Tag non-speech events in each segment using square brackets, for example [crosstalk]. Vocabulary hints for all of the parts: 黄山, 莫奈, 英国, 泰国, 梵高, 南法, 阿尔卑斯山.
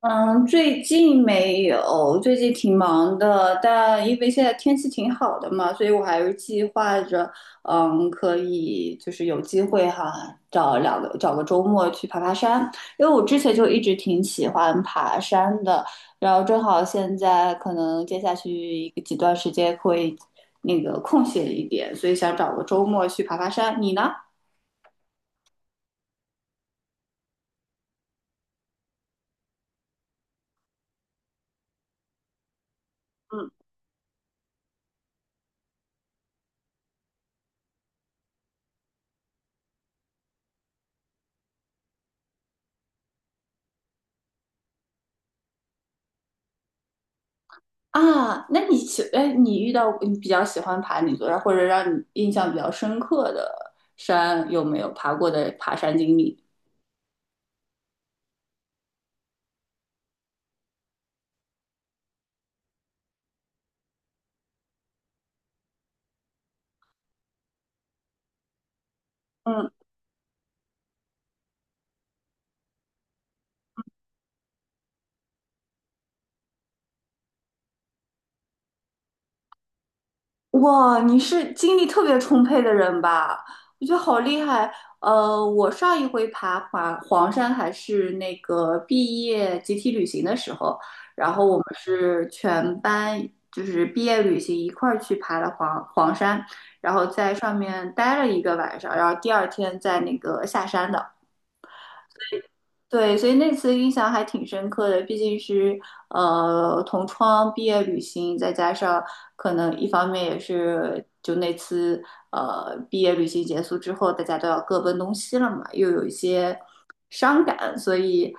嗯，最近没有，最近挺忙的，但因为现在天气挺好的嘛，所以我还是计划着，可以就是有机会哈，找个周末去爬爬山，因为我之前就一直挺喜欢爬山的，然后正好现在可能接下去几段时间会那个空闲一点，所以想找个周末去爬爬山。你呢？嗯。啊，那你喜，哎，你遇到你比较喜欢爬哪座山，或者让你印象比较深刻的山，有没有爬过的爬山经历？嗯，哇，你是精力特别充沛的人吧？我觉得好厉害。我上一回爬黄山还是那个毕业集体旅行的时候，然后我们是全班就是毕业旅行一块儿去爬了黄山，然后在上面待了一个晚上，然后第二天在那个下山的。对，所以那次印象还挺深刻的，毕竟是同窗毕业旅行，再加上可能一方面也是就那次毕业旅行结束之后，大家都要各奔东西了嘛，又有一些伤感，所以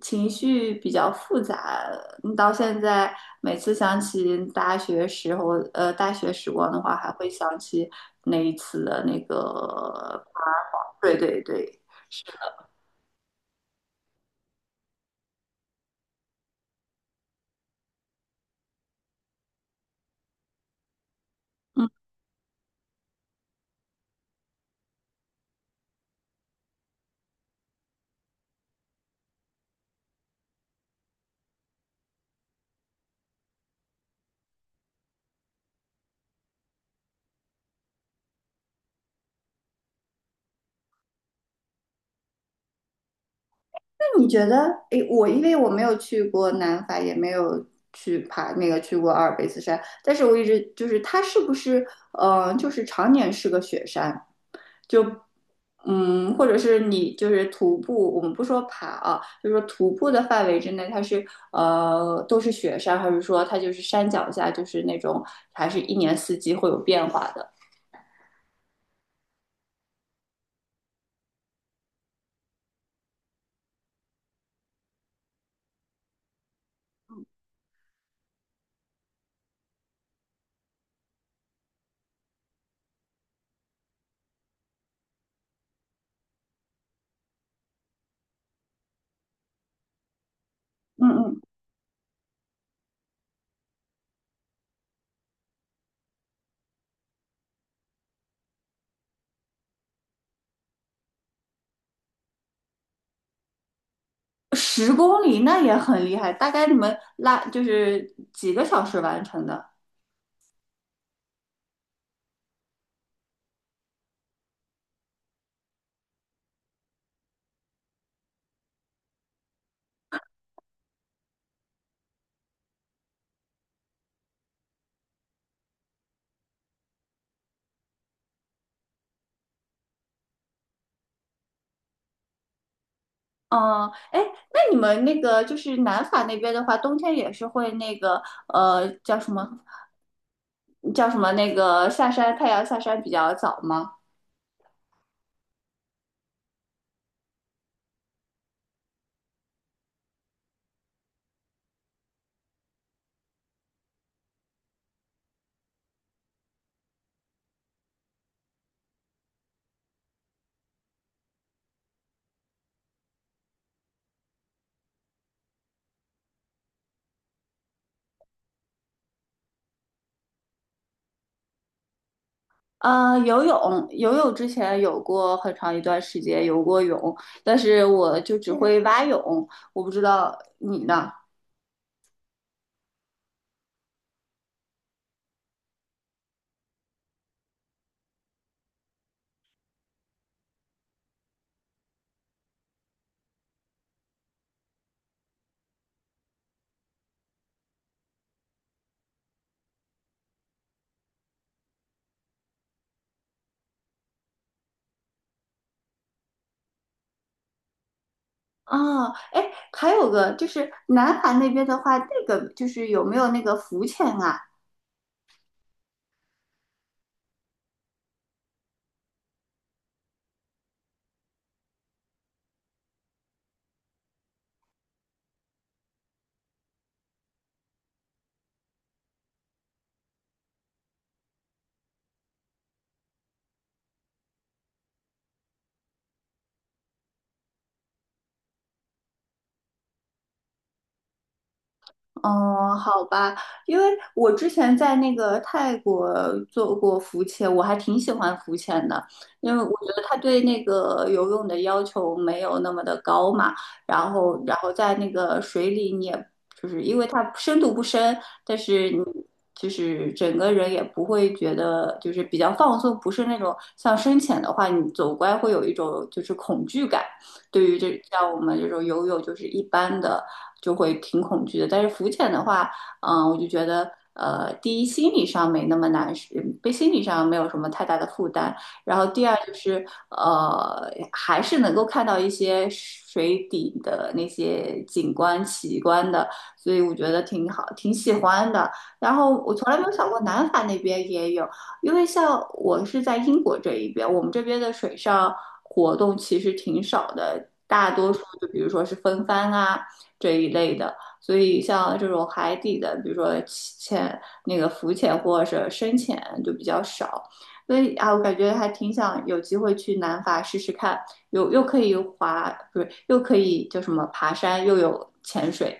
情绪比较复杂。到现在每次想起大学时光的话，还会想起那一次的那个，对对对。嗯。你觉得，诶，因为我没有去过南法，也没有去爬那个去过阿尔卑斯山，但是我一直就是它是不是，就是常年是个雪山，就，或者是你就是徒步，我们不说爬啊，就是说徒步的范围之内，它是都是雪山，还是说它就是山脚下就是那种还是一年四季会有变化的？嗯嗯，10公里那也很厉害，大概你们就是几个小时完成的？哦，哎，那你们那个就是南法那边的话，冬天也是会那个叫什么叫什么那个下山，太阳下山比较早吗？游泳之前有过很长一段时间游过泳，但是我就只会蛙泳，我不知道你呢。啊，哎，还有个就是南法那边的话，那个就是有没有那个浮潜啊？哦，好吧，因为我之前在那个泰国做过浮潜，我还挺喜欢浮潜的，因为我觉得它对那个游泳的要求没有那么的高嘛，然后在那个水里，你也就是因为它深度不深，但是你就是整个人也不会觉得就是比较放松，不是那种像深潜的话，你走过来会有一种就是恐惧感。对于这像我们这种游泳，就是一般的就会挺恐惧的。但是浮潜的话，我就觉得，第一心理上没那么难，是被心理上没有什么太大的负担。然后第二就是，还是能够看到一些水底的那些景观奇观的，所以我觉得挺好，挺喜欢的。然后我从来没有想过南法那边也有，因为像我是在英国这一边，我们这边的水上活动其实挺少的，大多数就比如说是风帆啊这一类的，所以像这种海底的，比如说那个浮潜或者是深潜就比较少。所以啊，我感觉还挺想有机会去南法试试看，又可以滑，不是又可以叫什么爬山，又有潜水，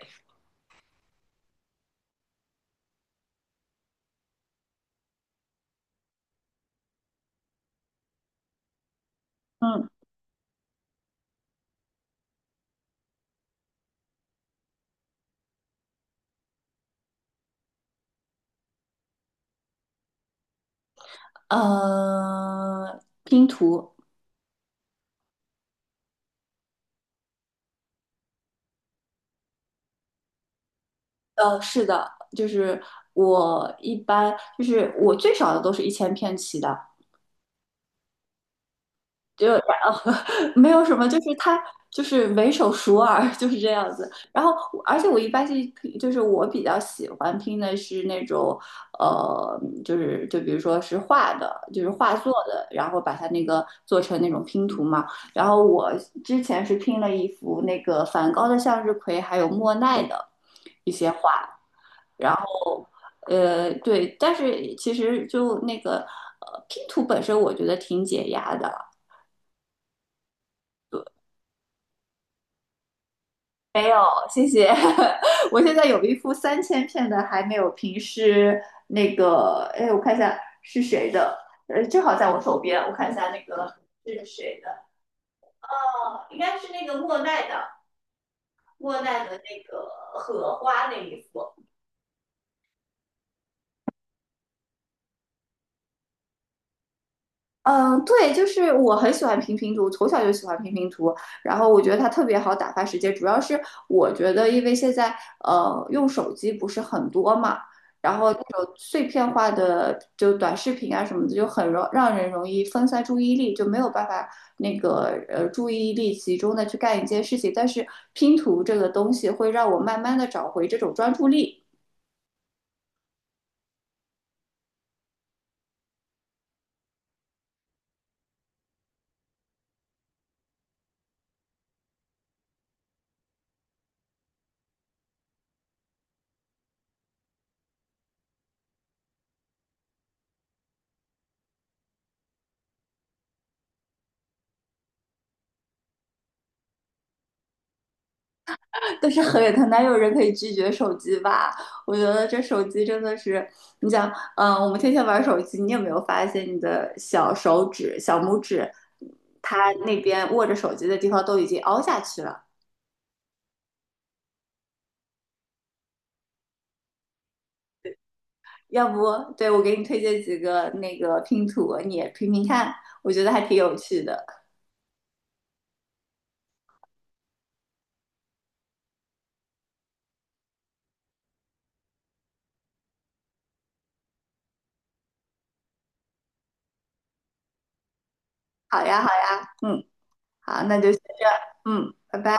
嗯拼图。是的，就是我一般就是我最少的都是1000片起的，就然后 [laughs] 没有什么，就是它就是唯手熟耳就是这样子。然后我而且我一般是就是我比较喜欢拼的是那种就比如说是画的，就是画作的，然后把它那个做成那种拼图嘛。然后我之前是拼了一幅那个梵高的向日葵，还有莫奈的。一些。对，但是其实就那个拼图本身，我觉得挺解压的。没有，谢谢。[laughs] 我现在有一幅3000片的还没有平，是那个，哎，我看一下是谁的，正好在我手边，我看一下那个是谁的。哦，应该是那个莫奈的，那个荷花那一幅。嗯，对，就是我很喜欢拼拼图，从小就喜欢拼拼图，然后我觉得它特别好打发时间。主要是我觉得，因为现在用手机不是很多嘛，然后那种碎片化的就短视频啊什么的，就让人容易分散注意力，就没有办法那个注意力集中的去干一件事情。但是拼图这个东西会让我慢慢的找回这种专注力。但是哪有人可以拒绝手机吧？我觉得这手机真的是，你想，我们天天玩手机，你有没有发现你的小手指、小拇指，它那边握着手机的地方都已经凹下去了？要不，对，我给你推荐几个那个拼图，你也拼拼看，我觉得还挺有趣的。好呀，好呀，嗯，好，那就先这样，嗯，拜拜。